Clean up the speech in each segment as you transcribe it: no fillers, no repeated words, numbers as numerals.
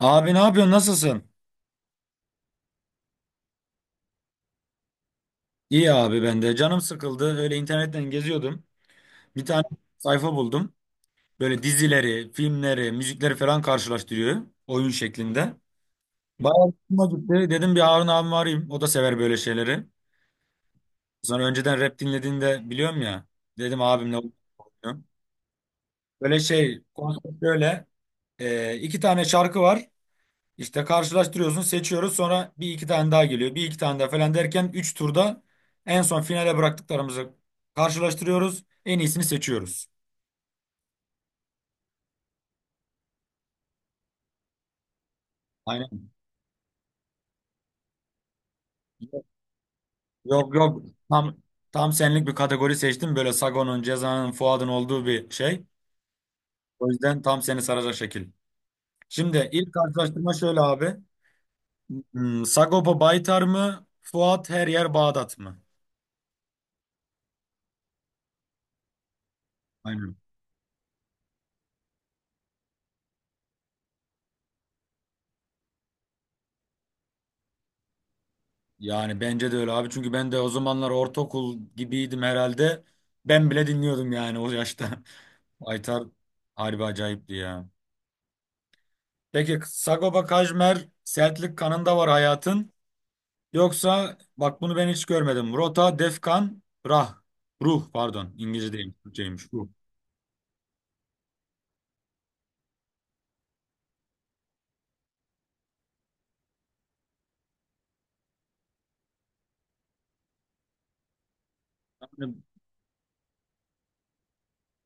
Abi ne yapıyorsun? Nasılsın? İyi abi ben de. Canım sıkıldı. Öyle internetten geziyordum. Bir tane sayfa buldum. Böyle dizileri, filmleri, müzikleri falan karşılaştırıyor. Oyun şeklinde. Bayağı hoşuma gitti. Dedim bir Harun abimi arayayım. O da sever böyle şeyleri. Sonra önceden rap dinlediğini de biliyorum ya. Dedim abimle oynayalım. Böyle şey, konsept böyle. İki tane şarkı var. İşte karşılaştırıyorsun, seçiyoruz. Sonra bir iki tane daha geliyor. Bir iki tane daha falan derken 3 turda en son finale bıraktıklarımızı karşılaştırıyoruz. En iyisini seçiyoruz. Aynen. Yok yok. Tam tam senlik bir kategori seçtim. Böyle Sagon'un, Ceza'nın, Fuad'ın olduğu bir şey. O yüzden tam seni saracak şekil. Şimdi ilk karşılaştırma şöyle abi. Sagopa Baytar mı? Fuat her yer Bağdat mı? Aynen. Yani bence de öyle abi. Çünkü ben de o zamanlar ortaokul gibiydim herhalde. Ben bile dinliyordum yani o yaşta. Aytar harbi acayipti ya. Peki Sagopa Kajmer Sertlik kanında var hayatın. Yoksa bak bunu ben hiç görmedim. Rota, Defkan, Rah. Ruh pardon. İngilizce değil. Türkçeymiş. Ruh. Yani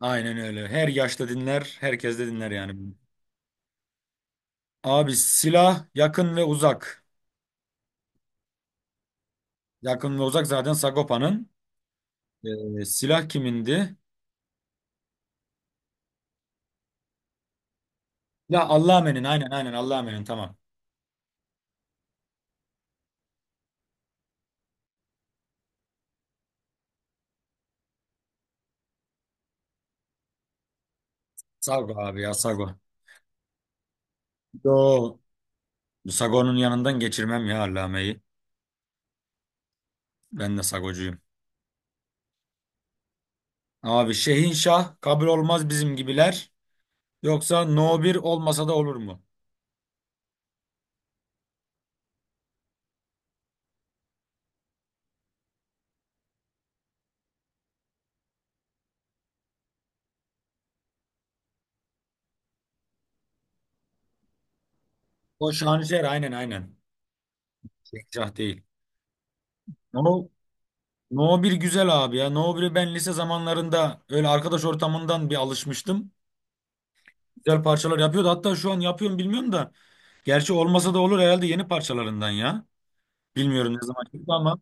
aynen öyle. Her yaşta dinler. Herkes de dinler yani. Abi silah yakın ve uzak. Yakın ve uzak zaten Sagopa'nın. Silah kimindi? Ya Allah'a emanin aynen aynen Allah'a emanin tamam. Sago abi ya Sago. Yo. Sago'nun yanından geçirmem ya Allame'yi. Ben de Sagocuyum. Abi Şehinşah kabul olmaz bizim gibiler. Yoksa No 1 olmasa da olur mu? O Şanışer aynen aynen. Şehinşah değil. No, No 1 güzel abi ya. No 1'i ben lise zamanlarında öyle arkadaş ortamından bir alışmıştım. Güzel parçalar yapıyordu. Hatta şu an yapıyorum bilmiyorum da. Gerçi olmasa da olur herhalde yeni parçalarından ya. Bilmiyorum ne zaman çıktı ama.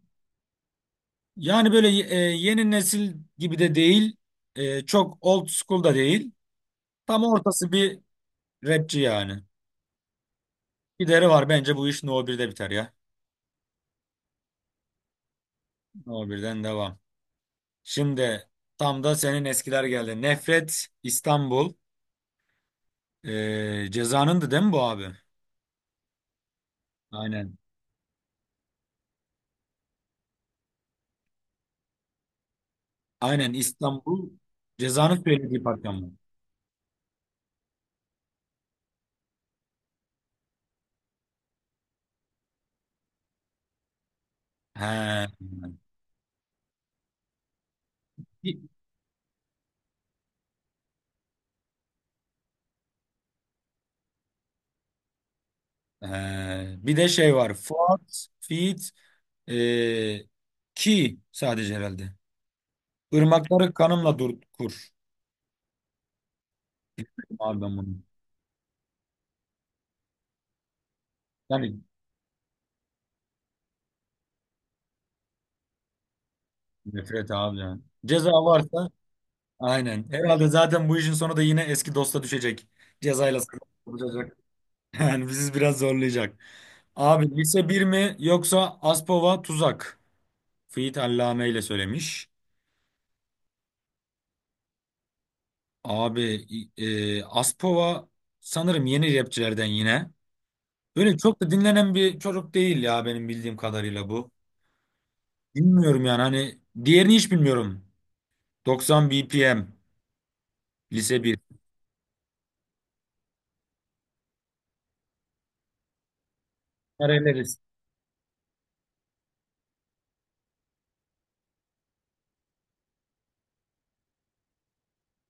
Yani böyle yeni nesil gibi de değil, çok old school da değil. Tam ortası bir rapçi yani. Gideri var bence bu iş No birde biter ya. No birden devam. Şimdi tam da senin eskiler geldi. Nefret İstanbul. Ceza'nındı değil mi bu abi? Aynen. Aynen İstanbul Ceza'nın söylediği parça mı? He. Bir, he. Bir de şey var. Fuat, Fit, e, Ki sadece herhalde. Irmakları kanımla dur kur. İstedim abi ben bunu. Yani nefret abi yani. Ceza varsa aynen. Herhalde zaten bu işin sonu da yine eski dosta düşecek. Cezayla sarılacak. Yani bizi biraz zorlayacak. Abi lise bir mi yoksa Aspova tuzak? Fiyit Allame ile söylemiş. Abi Aspova sanırım yeni rapçilerden yine. Öyle çok da dinlenen bir çocuk değil ya benim bildiğim kadarıyla bu. Bilmiyorum yani hani diğerini hiç bilmiyorum. 90 BPM. Lise bir. Nereleriz?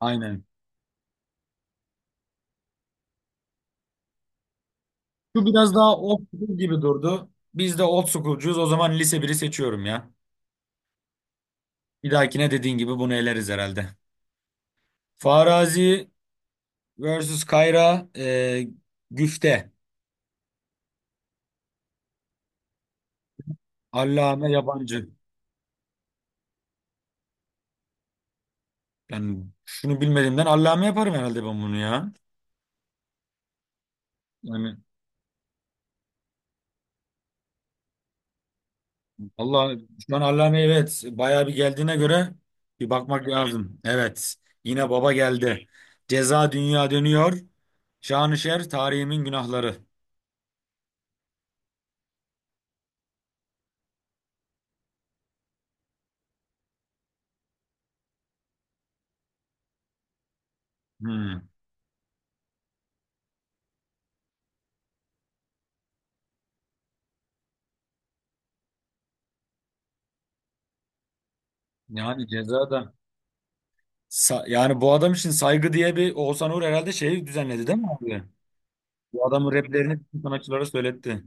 Aynen. Şu biraz daha old school gibi durdu. Biz de old school'cuyuz. O zaman lise biri seçiyorum ya. Bir dahakine dediğin gibi bunu eleriz herhalde. Farazi versus Kayra Güfte. Allame Yabancı. Yani şunu bilmediğimden Allame yaparım herhalde ben bunu ya. Yani Allah şu an Allame evet bayağı bir geldiğine göre bir bakmak lazım. Evet, yine baba geldi. Ceza dünya dönüyor. Şanışer tarihimin günahları. Hmm. Yani ceza da yani bu adam için saygı diye bir Oğuzhan Uğur herhalde şeyi düzenledi değil mi abi? Bu adamın raplerini bütün sanatçılara söyletti.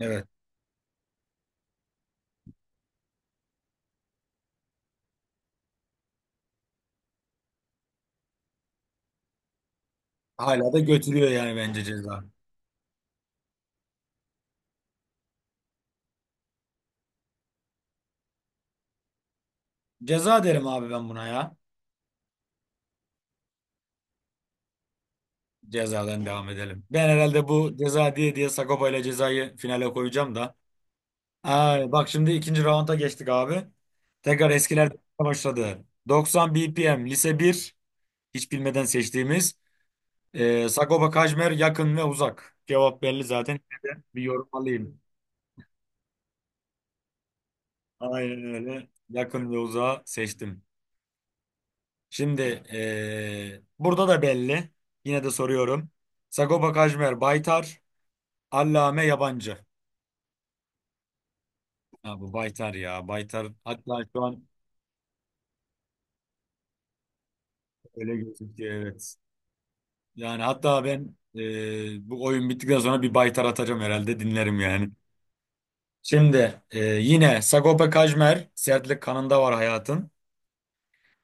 Evet. Hala da götürüyor yani bence ceza. Ceza derim abi ben buna ya. Cezadan devam edelim. Ben herhalde bu ceza diye diye Sagopa ile cezayı finale koyacağım da. Ay, bak şimdi ikinci raunda geçtik abi. Tekrar eskiler başladı. 90 BPM lise bir, hiç bilmeden seçtiğimiz Sagopa Kajmer yakın ve uzak. Cevap belli zaten. Bir yorum alayım. Aynen öyle. Yakın ve uzağı seçtim. Şimdi burada da belli. Yine de soruyorum. Sagopa Kajmer Baytar, Allame Yabancı. Ha, bu Baytar ya. Baytar hatta şu an öyle gözüküyor. Evet. Yani hatta ben bu oyun bittikten sonra bir baytar atacağım herhalde dinlerim yani. Şimdi yine Sagopa Kajmer sertlik kanında var hayatın.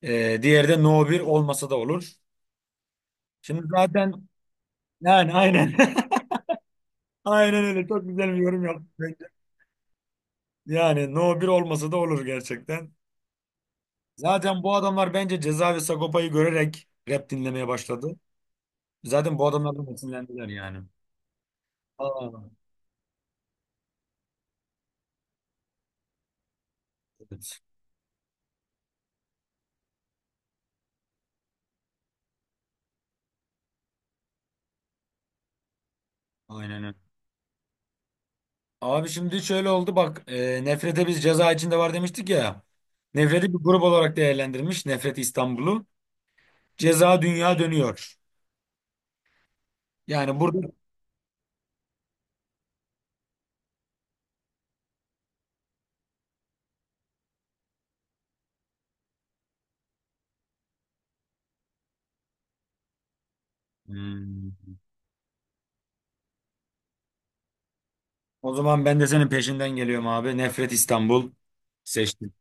Diğeri de No 1 olmasa da olur. Şimdi zaten yani aynen. Aynen öyle, çok güzel bir yorum yaptın bence. Yani No 1 olmasa da olur gerçekten. Zaten bu adamlar bence Ceza ve Sagopa'yı görerek rap dinlemeye başladı. Zaten bu adamlardan esinlendiler yani. Aa, evet. Aynen öyle. Abi şimdi şöyle oldu bak, Nefret'e biz ceza içinde var demiştik ya. Nefret'i bir grup olarak değerlendirmiş Nefret İstanbul'u. Ceza dünya dönüyor. Yani burada, hmm, o zaman ben de senin peşinden geliyorum abi. Nefret İstanbul seçtim.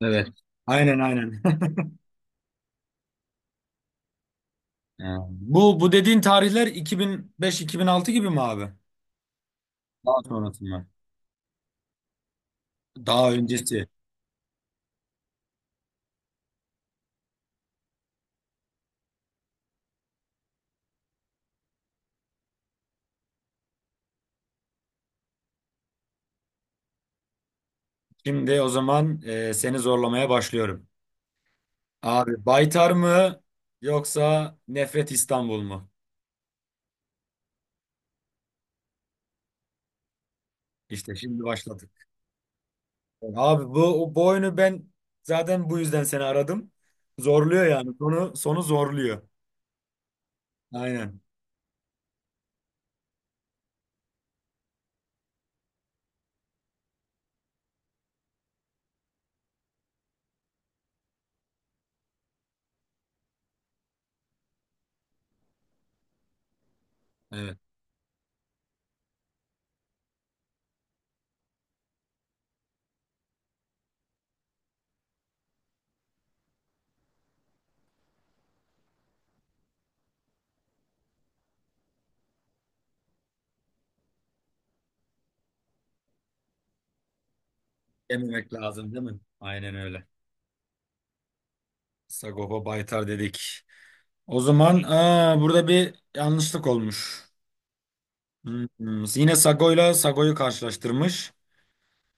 Evet. Aynen aynen. Ha, bu dediğin tarihler 2005-2006 gibi mi abi? Daha sonrası mı? Daha öncesi. Şimdi o zaman seni zorlamaya başlıyorum. Abi Baytar mı yoksa Nefret İstanbul mu? İşte şimdi başladık. Abi bu oyunu ben zaten bu yüzden seni aradım. Zorluyor yani. Sonu zorluyor. Aynen. Evet. Yememek lazım değil mi? Aynen öyle. Sagopa Baytar dedik. O zaman aa, burada bir yanlışlık olmuş. Hmm, yine Sago'yla Sago'yu karşılaştırmış.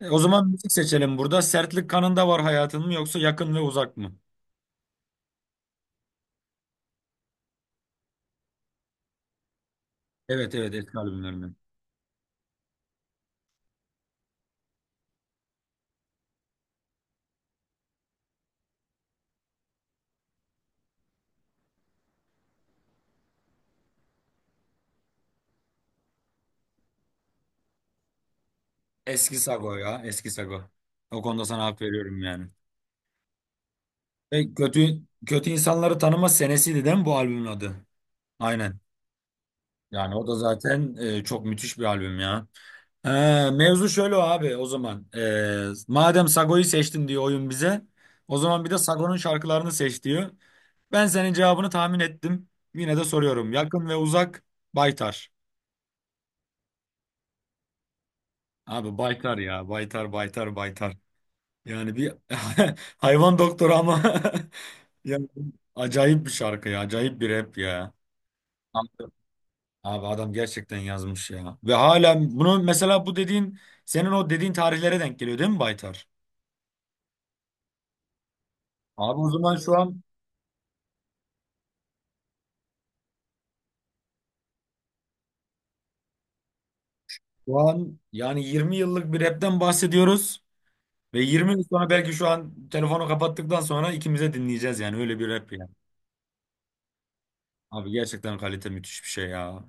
O zaman müzik seçelim burada. Sertlik kanında var hayatın mı yoksa yakın ve uzak mı? Evet evet eski albümlerinden. Eski Sago ya. Eski Sago. O konuda sana hak veriyorum yani. Kötü kötü insanları tanıma senesiydi değil mi bu albümün adı? Aynen. Yani o da zaten çok müthiş bir albüm ya. E, mevzu şöyle abi o zaman. Madem Sago'yu seçtin diyor oyun bize. O zaman bir de Sago'nun şarkılarını seç diyor. Ben senin cevabını tahmin ettim. Yine de soruyorum. Yakın ve uzak Baytar. Abi Baytar ya. Baytar, Baytar, Baytar. Yani bir hayvan doktoru ama Ya, acayip bir şarkı ya. Acayip bir rap ya. Anladım. Abi adam gerçekten yazmış ya. Ve hala bunu mesela bu dediğin senin o dediğin tarihlere denk geliyor değil mi Baytar? Abi o zaman şu an yani 20 yıllık bir rapten bahsediyoruz. Ve 20 yıl sonra belki şu an telefonu kapattıktan sonra ikimize dinleyeceğiz yani öyle bir rap yani. Abi gerçekten kalite müthiş bir şey ya.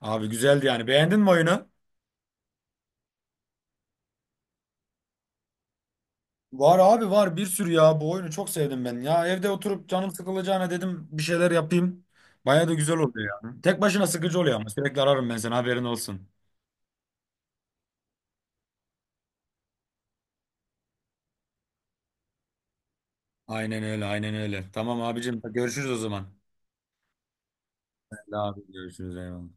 Abi güzeldi yani. Beğendin mi oyunu? Var abi var bir sürü ya, bu oyunu çok sevdim ben. Ya evde oturup canım sıkılacağına dedim bir şeyler yapayım. Baya da güzel oluyor ya. Tek başına sıkıcı oluyor ama sürekli ararım ben seni haberin olsun. Aynen öyle aynen öyle. Tamam abicim görüşürüz o zaman. Hadi abi görüşürüz eyvallah.